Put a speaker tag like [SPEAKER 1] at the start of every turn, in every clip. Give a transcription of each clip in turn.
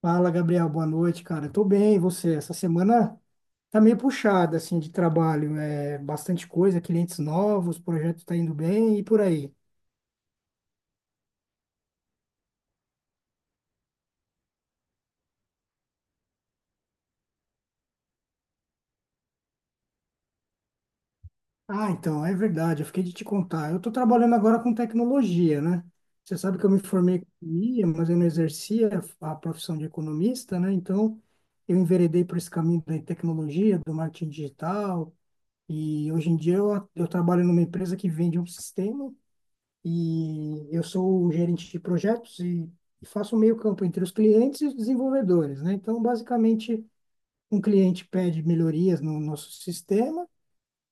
[SPEAKER 1] Fala, Gabriel, boa noite, cara. Tô bem, e você? Essa semana tá meio puxada, assim, de trabalho. É bastante coisa, clientes novos, projeto tá indo bem e por aí. Ah, então, é verdade, eu fiquei de te contar. Eu tô trabalhando agora com tecnologia, né? Você sabe que eu me formei em economia, mas eu não exercia a profissão de economista, né? Então, eu enveredei por esse caminho da tecnologia, do marketing digital, e hoje em dia eu trabalho numa empresa que vende um sistema e eu sou o gerente de projetos e faço o meio-campo entre os clientes e os desenvolvedores, né? Então, basicamente, um cliente pede melhorias no nosso sistema,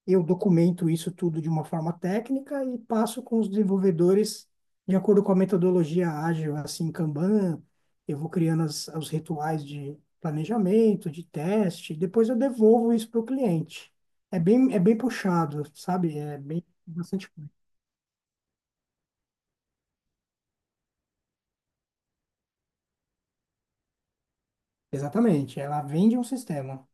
[SPEAKER 1] eu documento isso tudo de uma forma técnica e passo com os desenvolvedores de acordo com a metodologia ágil, assim, Kanban, eu vou criando as, os rituais de planejamento, de teste, e depois eu devolvo isso para o cliente. É bem puxado, sabe? É bem bastante coisa. Exatamente, ela vende um sistema.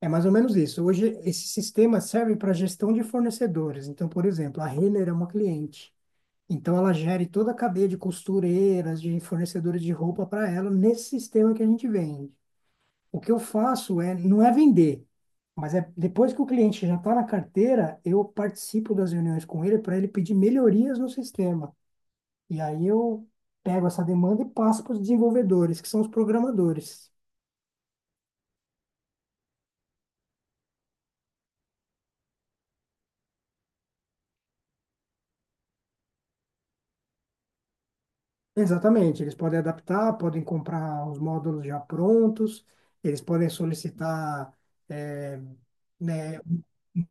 [SPEAKER 1] É mais ou menos isso. Hoje, esse sistema serve para gestão de fornecedores. Então, por exemplo, a Renner é uma cliente. Então, ela gere toda a cadeia de costureiras, de fornecedores de roupa para ela nesse sistema que a gente vende. O que eu faço é, não é vender, mas é depois que o cliente já está na carteira, eu participo das reuniões com ele para ele pedir melhorias no sistema. E aí eu pego essa demanda e passo para os desenvolvedores, que são os programadores. Exatamente, eles podem adaptar, podem comprar os módulos já prontos, eles podem solicitar eh, né,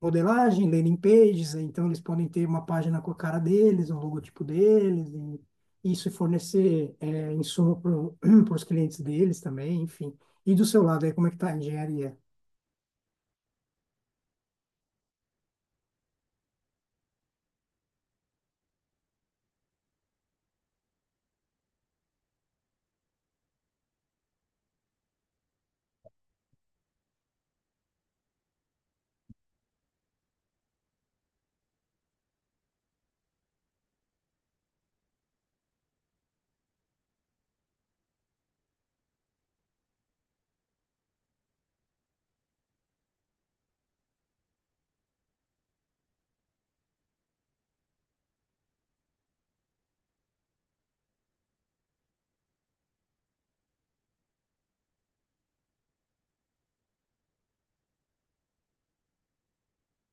[SPEAKER 1] modelagem, landing pages, então eles podem ter uma página com a cara deles, o logotipo deles, e isso fornecer insumo para os clientes deles também, enfim. E do seu lado aí, como é que tá a engenharia?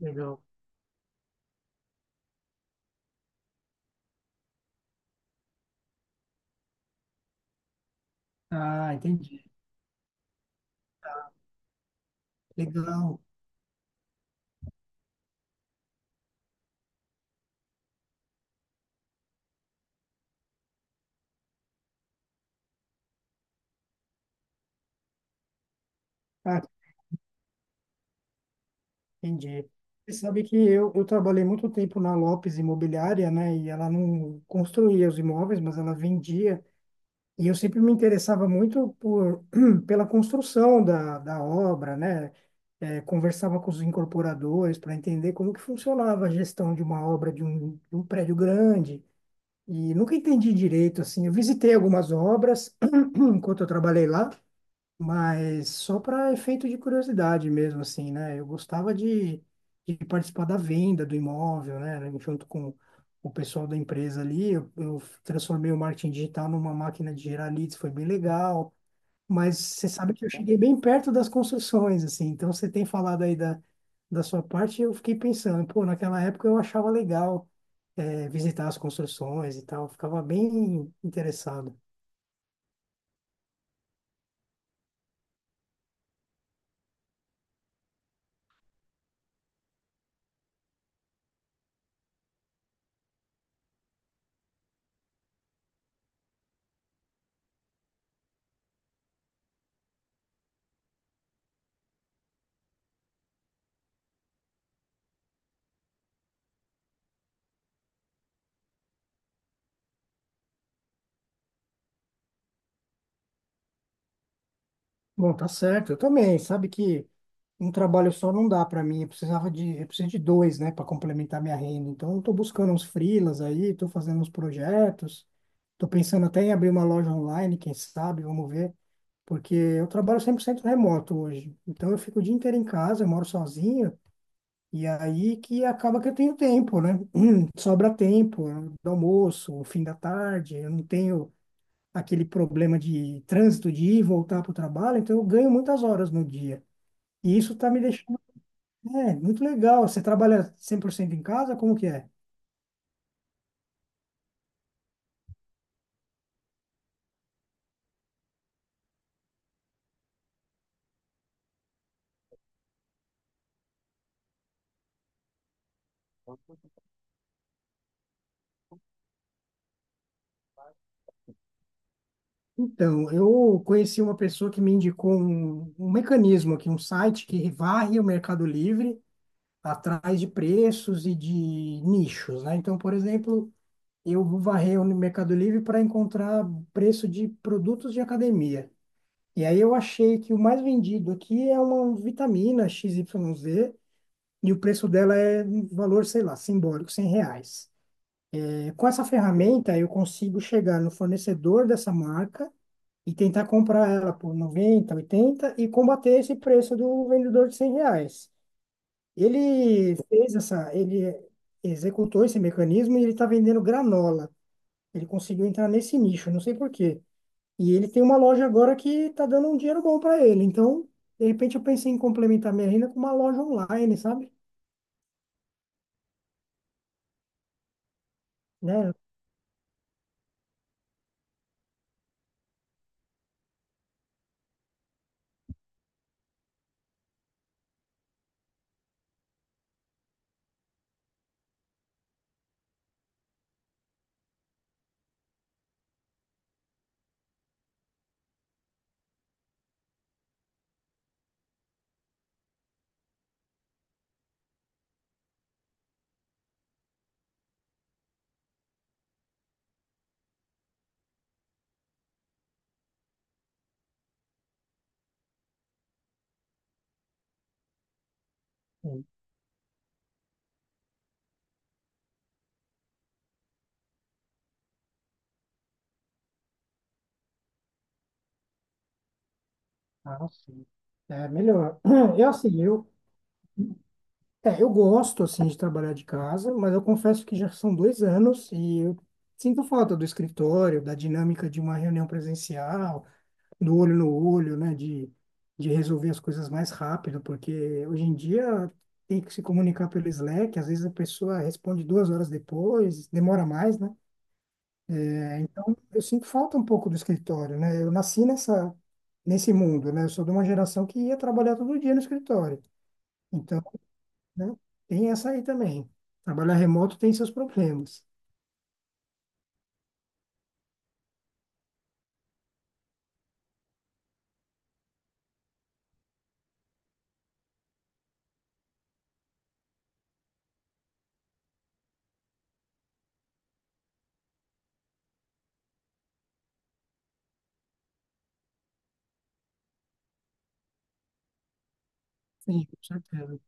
[SPEAKER 1] Legal. Ah, entendi. Tá, legal. Ah, entendi. Você sabe que eu trabalhei muito tempo na Lopes Imobiliária, né? E ela não construía os imóveis, mas ela vendia. E eu sempre me interessava muito por, pela construção da obra, né? Conversava com os incorporadores para entender como que funcionava a gestão de uma obra de um prédio grande. E nunca entendi direito, assim. Eu visitei algumas obras enquanto eu trabalhei lá, mas só para efeito de curiosidade mesmo, assim, né? Eu gostava de participar da venda do imóvel, né? Junto com o pessoal da empresa ali, eu transformei o marketing digital numa máquina de gerar leads, foi bem legal. Mas você sabe que eu cheguei bem perto das construções, assim. Então você tem falado aí da sua parte, eu fiquei pensando, pô, naquela época eu achava legal, visitar as construções e tal, eu ficava bem interessado. Bom, tá certo, eu também. Sabe que um trabalho só não dá para mim, eu preciso de dois, né, para complementar minha renda. Então, eu tô buscando uns freelas aí, tô fazendo uns projetos, tô pensando até em abrir uma loja online, quem sabe, vamos ver, porque eu trabalho 100% remoto hoje. Então, eu fico o dia inteiro em casa, eu moro sozinho, e aí que acaba que eu tenho tempo, né? Sobra tempo, né, do almoço, o fim da tarde, eu não tenho aquele problema de trânsito de ir e voltar para o trabalho, então eu ganho muitas horas no dia. E isso está me deixando, muito legal. Você trabalha 100% em casa? Como que é? Então, eu conheci uma pessoa que me indicou um mecanismo aqui, um site que varre o Mercado Livre atrás de preços e de nichos, né? Então, por exemplo, eu vou varrer o Mercado Livre para encontrar preço de produtos de academia. E aí eu achei que o mais vendido aqui é uma vitamina x Y z e o preço dela é um valor, sei lá, simbólico, R$ 100. É, com essa ferramenta, eu consigo chegar no fornecedor dessa marca e tentar comprar ela por 90 80 e combater esse preço do vendedor de R$ 100. Ele executou esse mecanismo e ele está vendendo granola. Ele conseguiu entrar nesse nicho, não sei por quê. E ele tem uma loja agora que está dando um dinheiro bom para ele. Então, de repente, eu pensei em complementar minha renda com uma loja online, sabe? Né? Ah, sim. É melhor. Eu, assim, eu, eu gosto, assim, de trabalhar de casa, mas eu confesso que já são 2 anos e eu sinto falta do escritório, da dinâmica de uma reunião presencial, do olho no olho, né, de resolver as coisas mais rápido, porque hoje em dia tem que se comunicar pelo Slack, às vezes a pessoa responde 2 horas depois, demora mais, né? É, então, eu sinto falta um pouco do escritório, né? Eu nasci nesse mundo, né? Eu sou de uma geração que ia trabalhar todo dia no escritório. Então, né, tem essa aí também. Trabalhar remoto tem seus problemas. Sim, com certeza.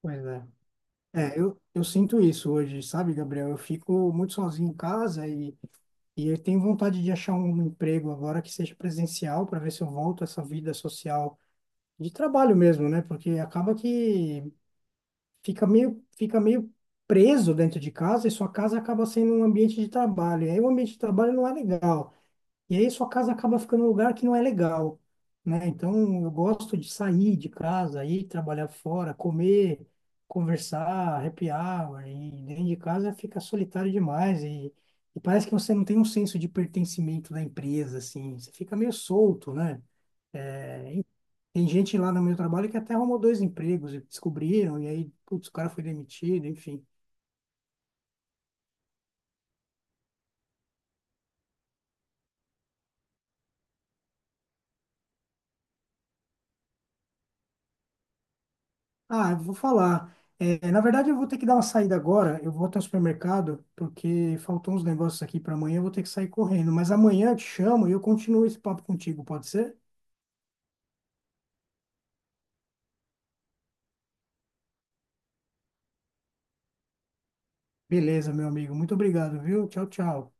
[SPEAKER 1] Pois é. É, eu sinto isso hoje, sabe, Gabriel? Eu fico muito sozinho em casa e eu tenho vontade de achar um emprego agora que seja presencial para ver se eu volto a essa vida social de trabalho mesmo, né? Porque acaba que fica meio preso dentro de casa e sua casa acaba sendo um ambiente de trabalho. E aí o ambiente de trabalho não é legal. E aí sua casa acaba ficando um lugar que não é legal, né? Então eu gosto de sair de casa, ir trabalhar fora, comer, conversar, happy hour, e dentro de casa fica solitário demais e parece que você não tem um senso de pertencimento da empresa, assim, você fica meio solto, né? É, e tem gente lá no meu trabalho que até arrumou dois empregos e descobriram, e aí, putz, o cara foi demitido, enfim. Ah, eu vou falar. É, na verdade, eu vou ter que dar uma saída agora. Eu vou até o supermercado, porque faltam uns negócios aqui para amanhã. Eu vou ter que sair correndo. Mas amanhã eu te chamo e eu continuo esse papo contigo, pode ser? Beleza, meu amigo. Muito obrigado, viu? Tchau, tchau.